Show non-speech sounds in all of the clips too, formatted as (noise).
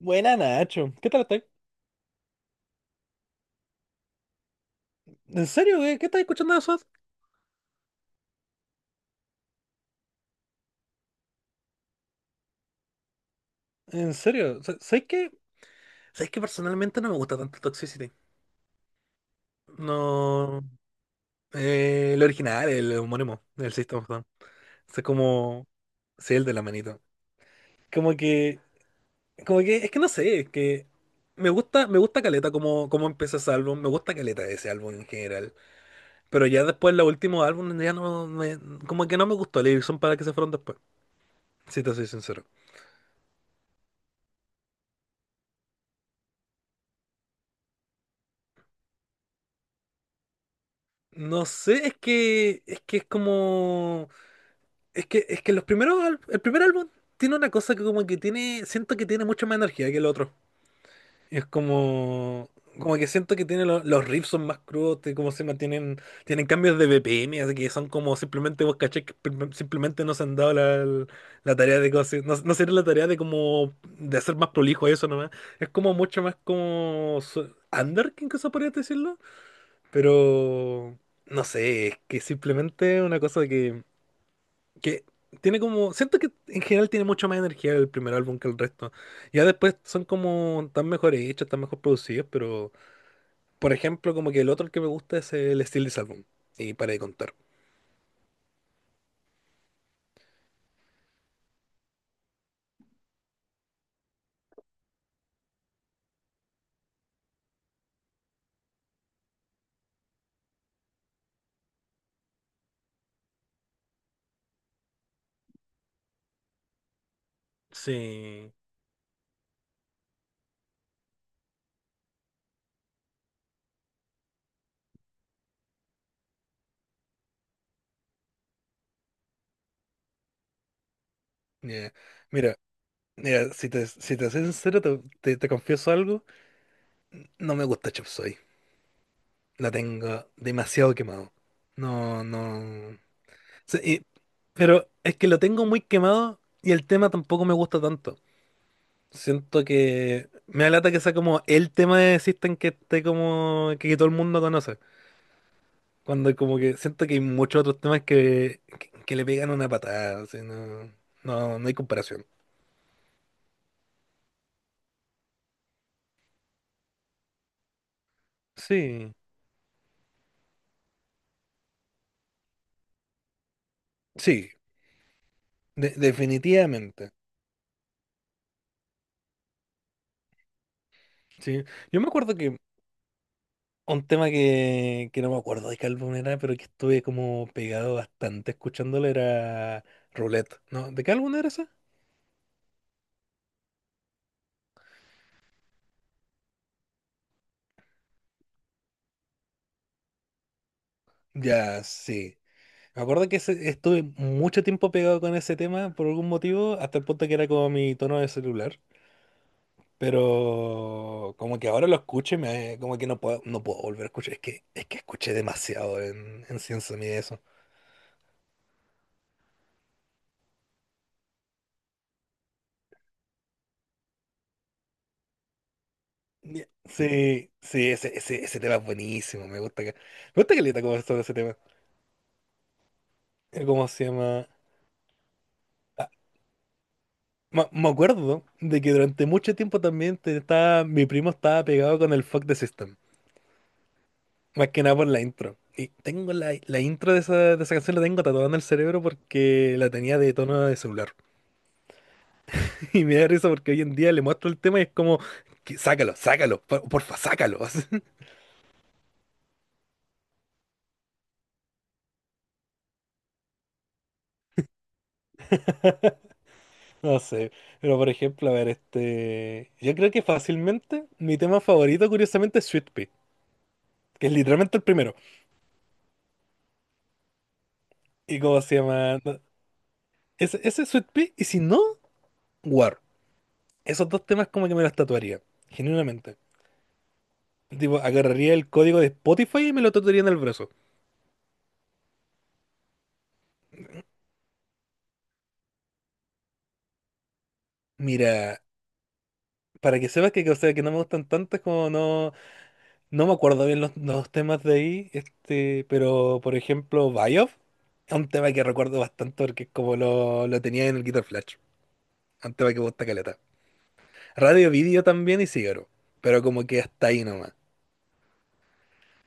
Buena, Nacho. ¿Qué tal estás? ¿En serio, güey? ¿Qué estás escuchando de SWAT? ¿En serio? Sabes que personalmente no me gusta tanto Toxicity? No. El original, el homónimo, el System of a Down. O como. Sí, el de la manito. Como que. Como que. Es que no sé, es que. Me gusta Caleta como, como empieza ese álbum. Me gusta Caleta ese álbum en general. Pero ya después, los últimos álbumes ya no me. Como que no me gustó la edición para que se fueron después. Si te soy sincero. No sé, es que es como, es que los primeros el primer álbum tiene una cosa que, como que tiene siento que tiene mucha más energía que el otro. Es como Como que siento que tiene los riffs son más crudos, como se mantienen tienen cambios de BPM, así que son como, simplemente, vos caché que simplemente no se han dado la, la tarea de cosas, no, no se dieron la tarea de como, de hacer más prolijo eso nomás. Es como mucho más como under, que incluso podrías decirlo. Pero no sé, es que simplemente una cosa que tiene como. Siento que en general tiene mucho más energía el primer álbum que el resto. Ya después son como tan mejores hechos, tan mejor producidos, pero, por ejemplo, como que el otro que me gusta es el This Album. Y para de contar. Sí. Yeah. Mira, mira, si te soy sincero, te confieso algo. No me gusta Chop Suey. La tengo demasiado quemado. No, no. Sí, y- pero es que lo tengo muy quemado y el tema tampoco me gusta tanto. Siento que me alata que sea como el tema de System, que esté como que todo el mundo conoce. Cuando como que siento que hay muchos otros temas que le pegan una patada, así, no, no, no hay comparación. Sí, sí, definitivamente. Sí. Yo me acuerdo que un tema que no me acuerdo de qué álbum era, pero que estuve como pegado bastante escuchándolo, era Roulette. ¿No? ¿De qué álbum era ese? Ya, sí. Me acuerdo que estuve mucho tiempo pegado con ese tema por algún motivo, hasta el punto que era como mi tono de celular. Pero como que ahora lo escucho y me, como que no puedo, no puedo volver a escuchar. Es que escuché demasiado en Cien Sonido eso. Ya. Sí, sí, ese tema es buenísimo. Me gusta que le como sobre ese tema. ¿Cómo se llama? Ah, me acuerdo de que durante mucho tiempo también estaba, mi primo estaba pegado con el Fuck the System. Más que nada por la intro. Y tengo la, la intro de esa canción, la tengo tatuada en el cerebro porque la tenía de tono de celular. (laughs) Y me da risa porque hoy en día le muestro el tema y es como, que sácalo, sácalo, porfa, sácalo. (laughs) Así. No sé, pero, por ejemplo, a ver, este, yo creo que fácilmente mi tema favorito, curiosamente, es Sweet Pea, que es literalmente el primero. ¿Y cómo se llama? No, ese es Sweet Pea, y si no, War. Esos dos temas como que me los tatuaría, genuinamente. Tipo, agarraría el código de Spotify y me lo tatuaría en el brazo. Mira, para que sepas que, o sea, que no me gustan tantas como no, no me acuerdo bien los temas de ahí, este, pero, por ejemplo, Biof es un tema que recuerdo bastante porque es como lo tenía en el Guitar Flash, un tema que me gusta caleta. Radio Video también y Cigaro, pero como que hasta ahí nomás.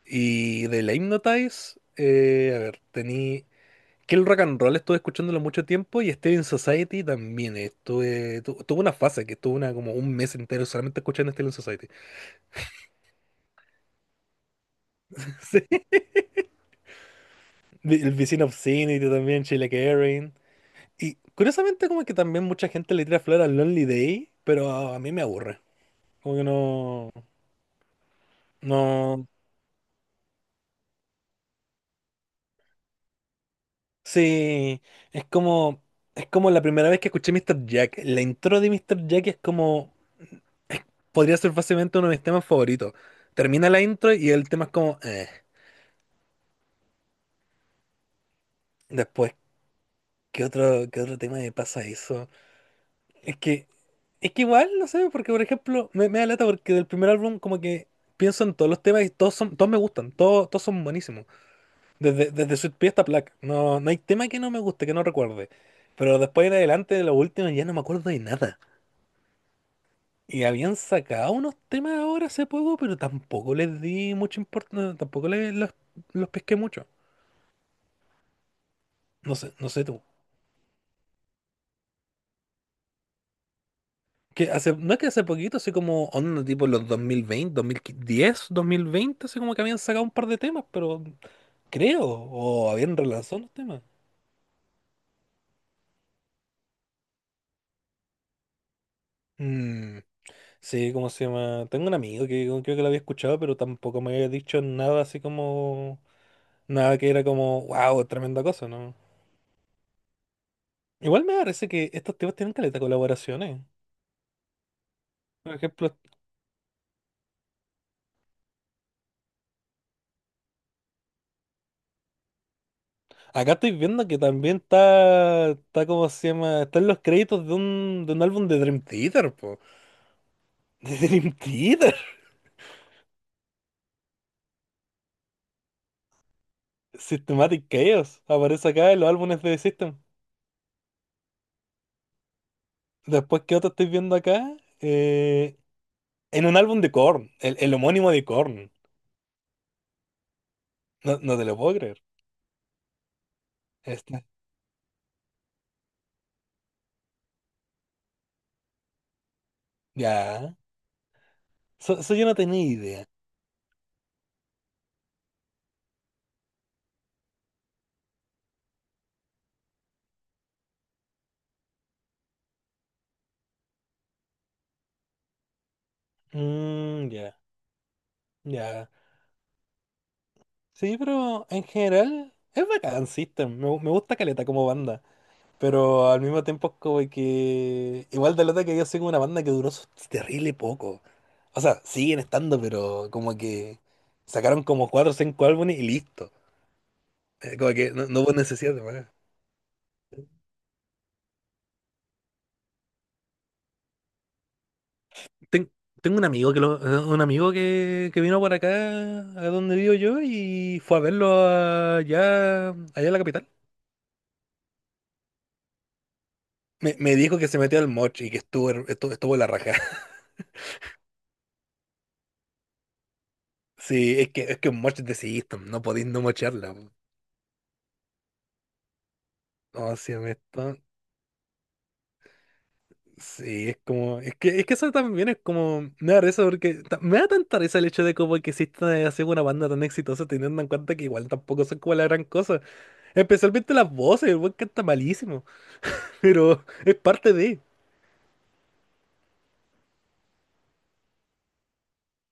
Y de la Hypnotize, a ver, tenía que el rock and roll estuve escuchándolo mucho tiempo, y Steven Society también estuve tuve una fase que estuve una, como un mes entero, solamente escuchando Steven Society. (laughs) Sí. El Vicino Obscenity también, Sheila Erin, y curiosamente como que también mucha gente le tira flor al Lonely Day, pero a mí me aburre, como que no, no, sí. Es como, es como la primera vez que escuché Mr. Jack, la intro de Mr. Jack es como, podría ser fácilmente uno de mis temas favoritos, termina la intro y el tema es como, Después, ¿qué otro, qué otro tema me pasa eso? Es que, es que igual, no sé, porque, por ejemplo, me da lata porque del primer álbum como que pienso en todos los temas y todos son, todos me gustan, todos, todos son buenísimos. Desde, desde Sweet Pea hasta Black. No, no hay tema que no me guste, que no recuerde. Pero después en adelante, de los últimos ya no me acuerdo de nada. Y habían sacado unos temas ahora hace poco, pero tampoco les di mucha importancia, tampoco les, los pesqué mucho. No sé, no sé tú. Que hace, no, es que hace poquito, así como onda, tipo los dos mil veinte, 2010, 2020, así como que habían sacado un par de temas, pero creo, o habían relanzado los temas. Mm, sí, ¿cómo se llama? Tengo un amigo que creo que lo había escuchado, pero tampoco me había dicho nada así como, nada que era como, wow, tremenda cosa, ¿no? Igual me parece que estos temas tienen caleta de colaboraciones. Por ejemplo, acá estoy viendo que también está, ¿cómo se llama? Están los créditos de un álbum de Dream Theater, po. De Dream Theater. Systematic Chaos. Aparece acá en los álbumes de The System. Después, ¿qué otro estoy viendo acá? Eh, en un álbum de Korn. El homónimo de Korn. No, no te lo puedo creer. Este, ya. Eso yo no tenía idea. Mm, ya, ya. Sí, pero en general es bacán System. Me gusta Caleta como banda. Pero al mismo tiempo es como que. Igual de lata que yo soy como una banda que duró terrible poco. O sea, siguen estando, pero como que sacaron como cuatro o cinco álbumes y listo. Como que no, no hubo necesidad de más. Ten- Tengo un amigo que lo, un amigo que vino por acá a donde vivo yo y fue a verlo allá, allá en la capital. Me dijo que se metió al moch y que estuvo, estuvo la raja. (laughs) Sí, es que un moch es de System, no podéis no mocharla, po. ¿Cómo se llama esto? Sí, es como, es que eso también es como, me da risa porque me da tanta risa el hecho de como que exista así una banda tan exitosa, teniendo en cuenta que igual tampoco son como la gran cosa, especialmente las voces, el buen canta malísimo, pero es parte de,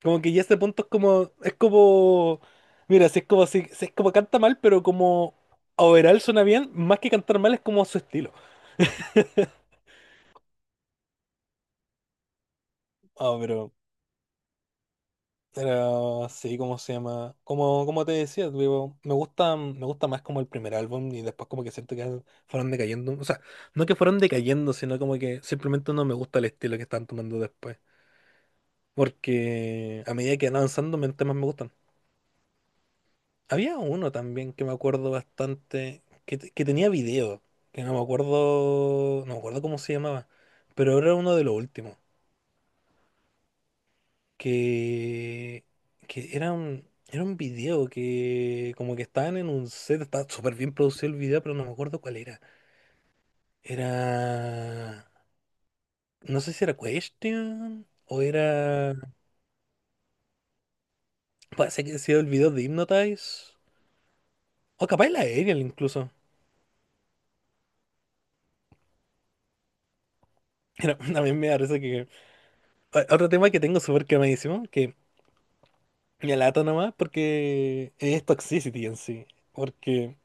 como que ya este punto es como, mira, si es como, si, si es como canta mal, pero como overall suena bien, más que cantar mal es como su estilo. (laughs) Ah, pero sí, ¿cómo se llama? Como, como te decía, digo, me gusta más como el primer álbum, y después como que siento que fueron decayendo. O sea, no que fueron decayendo, sino como que simplemente no me gusta el estilo que están tomando después. Porque a medida que van avanzando, temas me gustan. Había uno también que me acuerdo bastante, que que tenía video, que no me acuerdo, no me acuerdo cómo se llamaba, pero era uno de los últimos, que, que era un video que como que estaban en un set, estaba súper bien producido el video, pero no me acuerdo cuál era. Era, no sé si era Question o era, parece que ha sido el video de Hypnotize, o capaz la Aerial incluso. Era, (laughs) también me parece que otro tema que tengo súper quemadísimo, que me alato nomás porque es Toxicity en sí, porque...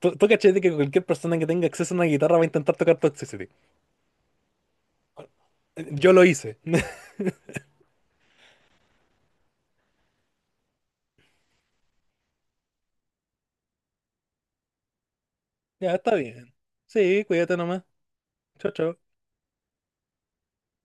Tú cachai de que cualquier persona que tenga acceso a una guitarra va a intentar tocar Toxicity. Yo lo hice. (laughs) Ya está bien. Sí, cuídate nomás. Chao, chao.